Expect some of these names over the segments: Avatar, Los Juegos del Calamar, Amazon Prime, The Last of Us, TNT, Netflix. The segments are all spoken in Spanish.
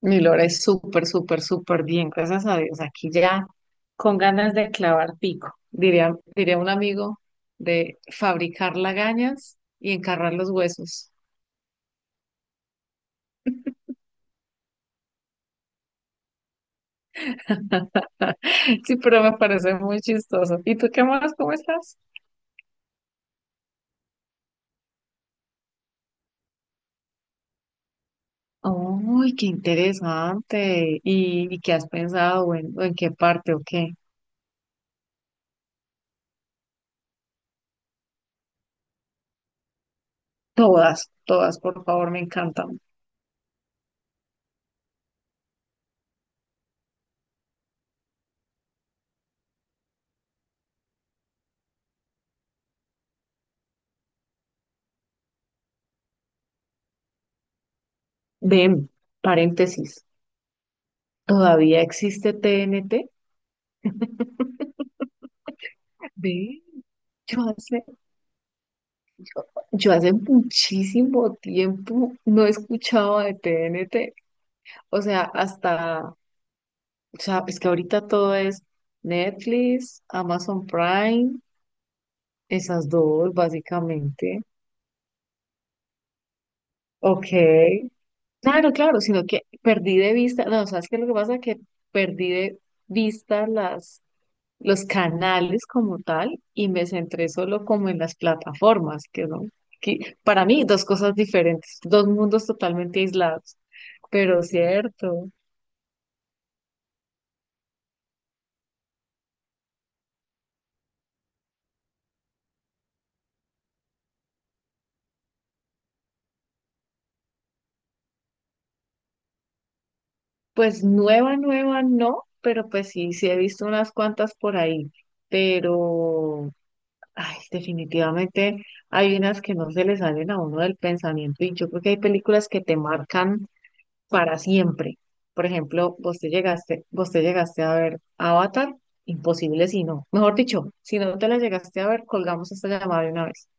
Mi Lora es súper, súper, súper bien, gracias a Dios. Aquí ya con ganas de clavar pico, diría un amigo, de fabricar lagañas y encarrar los huesos. Sí, pero me parece muy chistoso. ¿Y tú qué más? ¿Cómo estás? Uy, qué interesante. ¿Y qué has pensado? ¿O en qué parte o qué? Todas, todas, por favor, me encantan. Ven, paréntesis, ¿todavía existe TNT? Ve, yo hace Yo hace muchísimo tiempo no escuchaba de T N T. O sea, es que ahorita todo es Netflix, Amazon Prime, esas dos básicamente. Ok. Claro, claro, sino que perdí de vista, no. ¿Sabes qué? Es lo que pasa, que perdí de vista las, los canales como tal y me centré solo como en las plataformas, que no, que para mí dos cosas diferentes, dos mundos totalmente aislados. Pero cierto. Pues nueva, nueva no, pero pues sí, sí he visto unas cuantas por ahí. Pero, ay, definitivamente hay unas que no se le salen a uno del pensamiento, y yo creo que hay películas que te marcan para siempre. Por ejemplo, vos te llegaste a ver Avatar, imposible si no. Mejor dicho, si no te la llegaste a ver, colgamos esta llamada de una vez.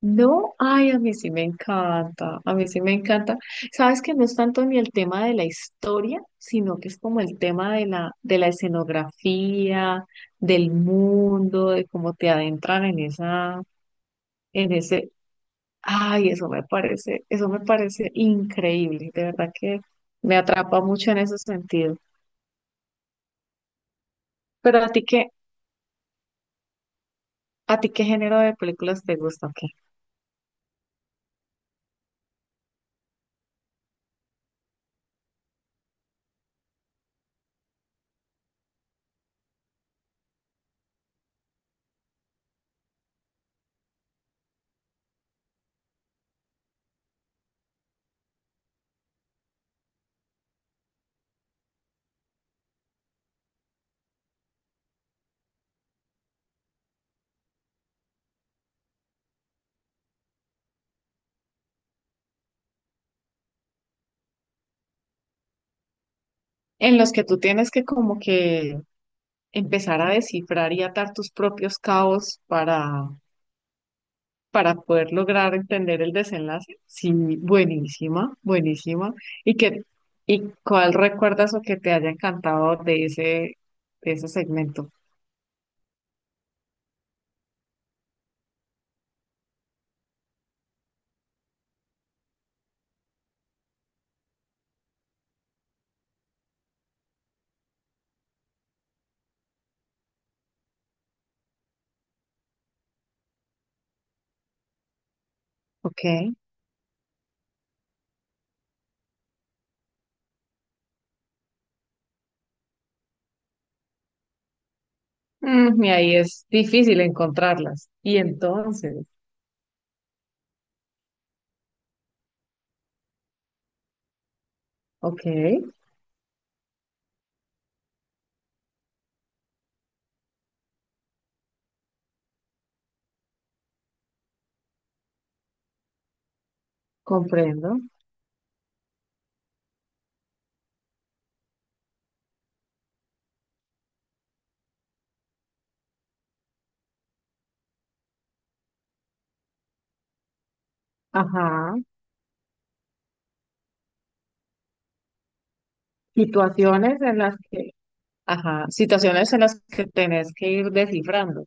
No, ay, a mí sí me encanta, a mí sí me encanta. Sabes que no es tanto ni el tema de la historia, sino que es como el tema de la escenografía, del mundo, de cómo te adentran en en ese, ay, eso me parece increíble, de verdad que me atrapa mucho en ese sentido. Pero a a ti qué género de películas te gusta, ¿o qué? En los que tú tienes que como que empezar a descifrar y atar tus propios cabos para poder lograr entender el desenlace. Sí, buenísima, buenísima. ¿Y qué, y cuál recuerdas o que te haya encantado de de ese segmento? Ok. Mm, y ahí es difícil encontrarlas. Y entonces, ok, comprendo. Ajá. Situaciones en las que, ajá, situaciones en las que tenés que ir descifrando.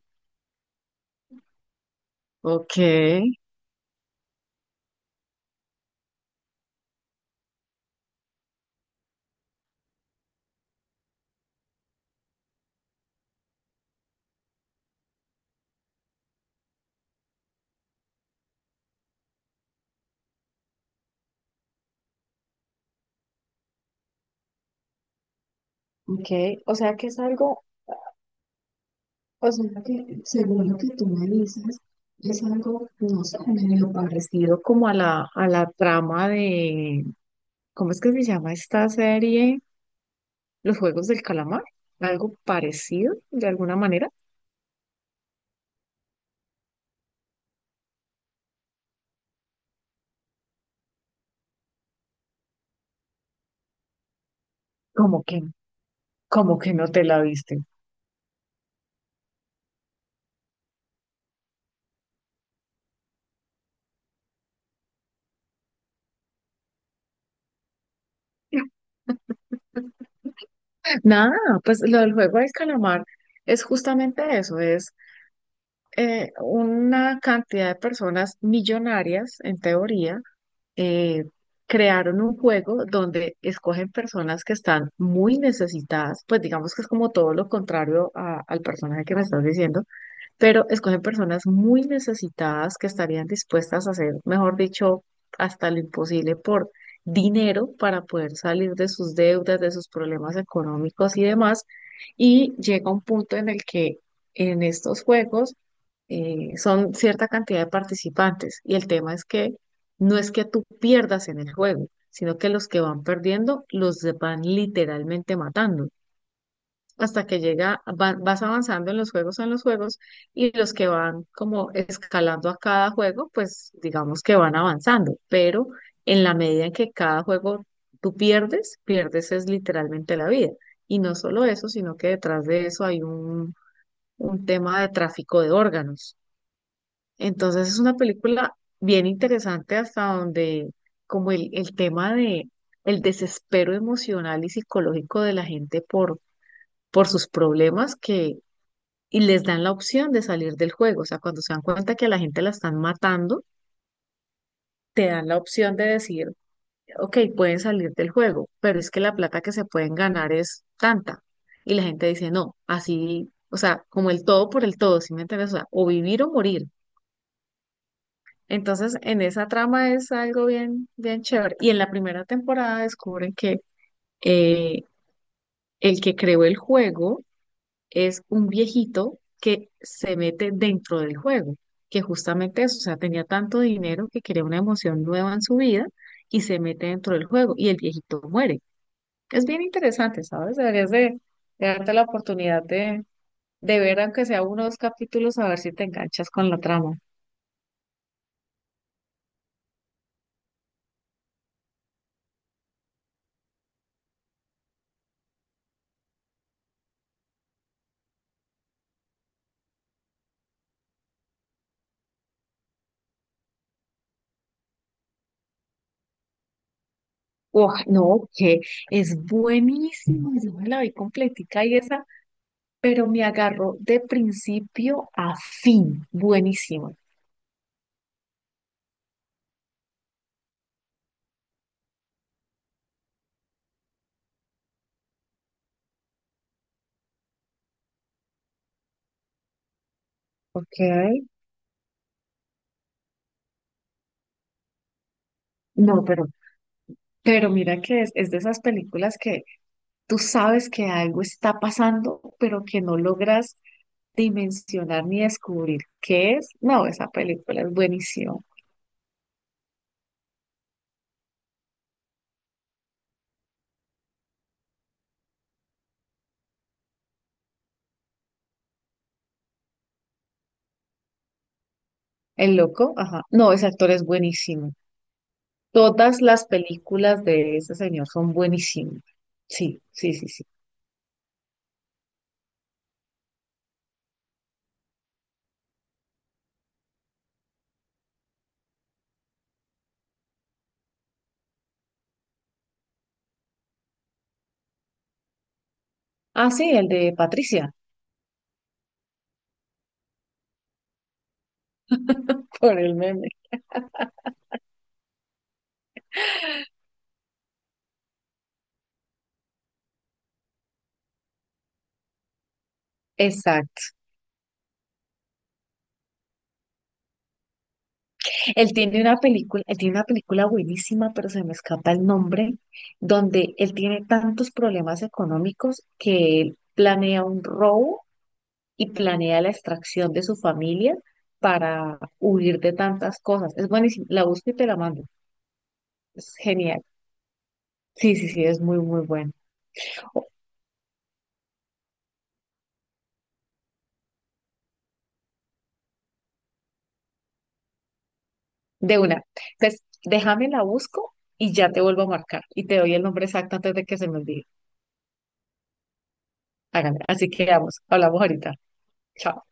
Ok. Ok, o sea que es algo O sea que según lo que tú me dices, es algo, no sé, medio parecido como a la trama de, ¿cómo es que se llama esta serie? Los Juegos del Calamar, algo parecido de alguna manera, como que, como que no te la viste. Nada, pues lo del Juego del Calamar es justamente eso, es una cantidad de personas millonarias en teoría, eh, crearon un juego donde escogen personas que están muy necesitadas, pues digamos que es como todo lo contrario a- al personaje que me estás diciendo, pero escogen personas muy necesitadas que estarían dispuestas a hacer, mejor dicho, hasta lo imposible por dinero para poder salir de sus deudas, de sus problemas económicos y demás. Y llega un punto en el que en estos juegos, son cierta cantidad de participantes y el tema es que no es que tú pierdas en el juego, sino que los que van perdiendo los de- van literalmente matando hasta que llega, va- vas avanzando en los juegos, en los juegos, y los que van como escalando a cada juego, pues digamos que van avanzando, pero en la medida en que cada juego tú pierdes, pierdes es literalmente la vida. Y no solo eso, sino que detrás de eso hay un tema de tráfico de órganos. Entonces es una película bien interesante hasta donde como el tema de el desespero emocional y psicológico de la gente por sus problemas que y les dan la opción de salir del juego. O sea, cuando se dan cuenta que a la gente la están matando, te dan la opción de decir, ok, pueden salir del juego, pero es que la plata que se pueden ganar es tanta. Y la gente dice, no, así, o sea, como el todo por el todo, ¿sí me entiendes? O sea, o vivir o morir. Entonces, en esa trama es algo bien, bien chévere. Y en la primera temporada descubren que, eh, el que creó el juego es un viejito que se mete dentro del juego, que justamente eso, o sea, tenía tanto dinero que quería una emoción nueva en su vida y se mete dentro del juego y el viejito muere. Es bien interesante, ¿sabes? Deberías de darte la oportunidad de ver, aunque sea unos capítulos, a ver si te enganchas con la trama. Oh, no, que es buenísimo, yo me la vi completica y esa, pero me agarró de principio a fin, buenísimo. Ok. No, pero mira que es de esas películas que tú sabes que algo está pasando, pero que no logras dimensionar ni descubrir qué es. No, esa película es buenísima. El loco, ajá. No, ese actor es buenísimo. Todas las películas de ese señor son buenísimas. Sí, sí, sí, sí. Ah, sí, el de Patricia, por el meme. Exacto. Él tiene una película buenísima, pero se me escapa el nombre, donde él tiene tantos problemas económicos que él planea un robo y planea la extracción de su familia para huir de tantas cosas. Es buenísimo. La busco y te la mando. Es genial. Sí, sí, sí, es muy, muy bueno. O- De una. Entonces, déjame la busco y ya te vuelvo a marcar y te doy el nombre exacto antes de que se me olvide. Hágale. Así que vamos, hablamos ahorita. Chao.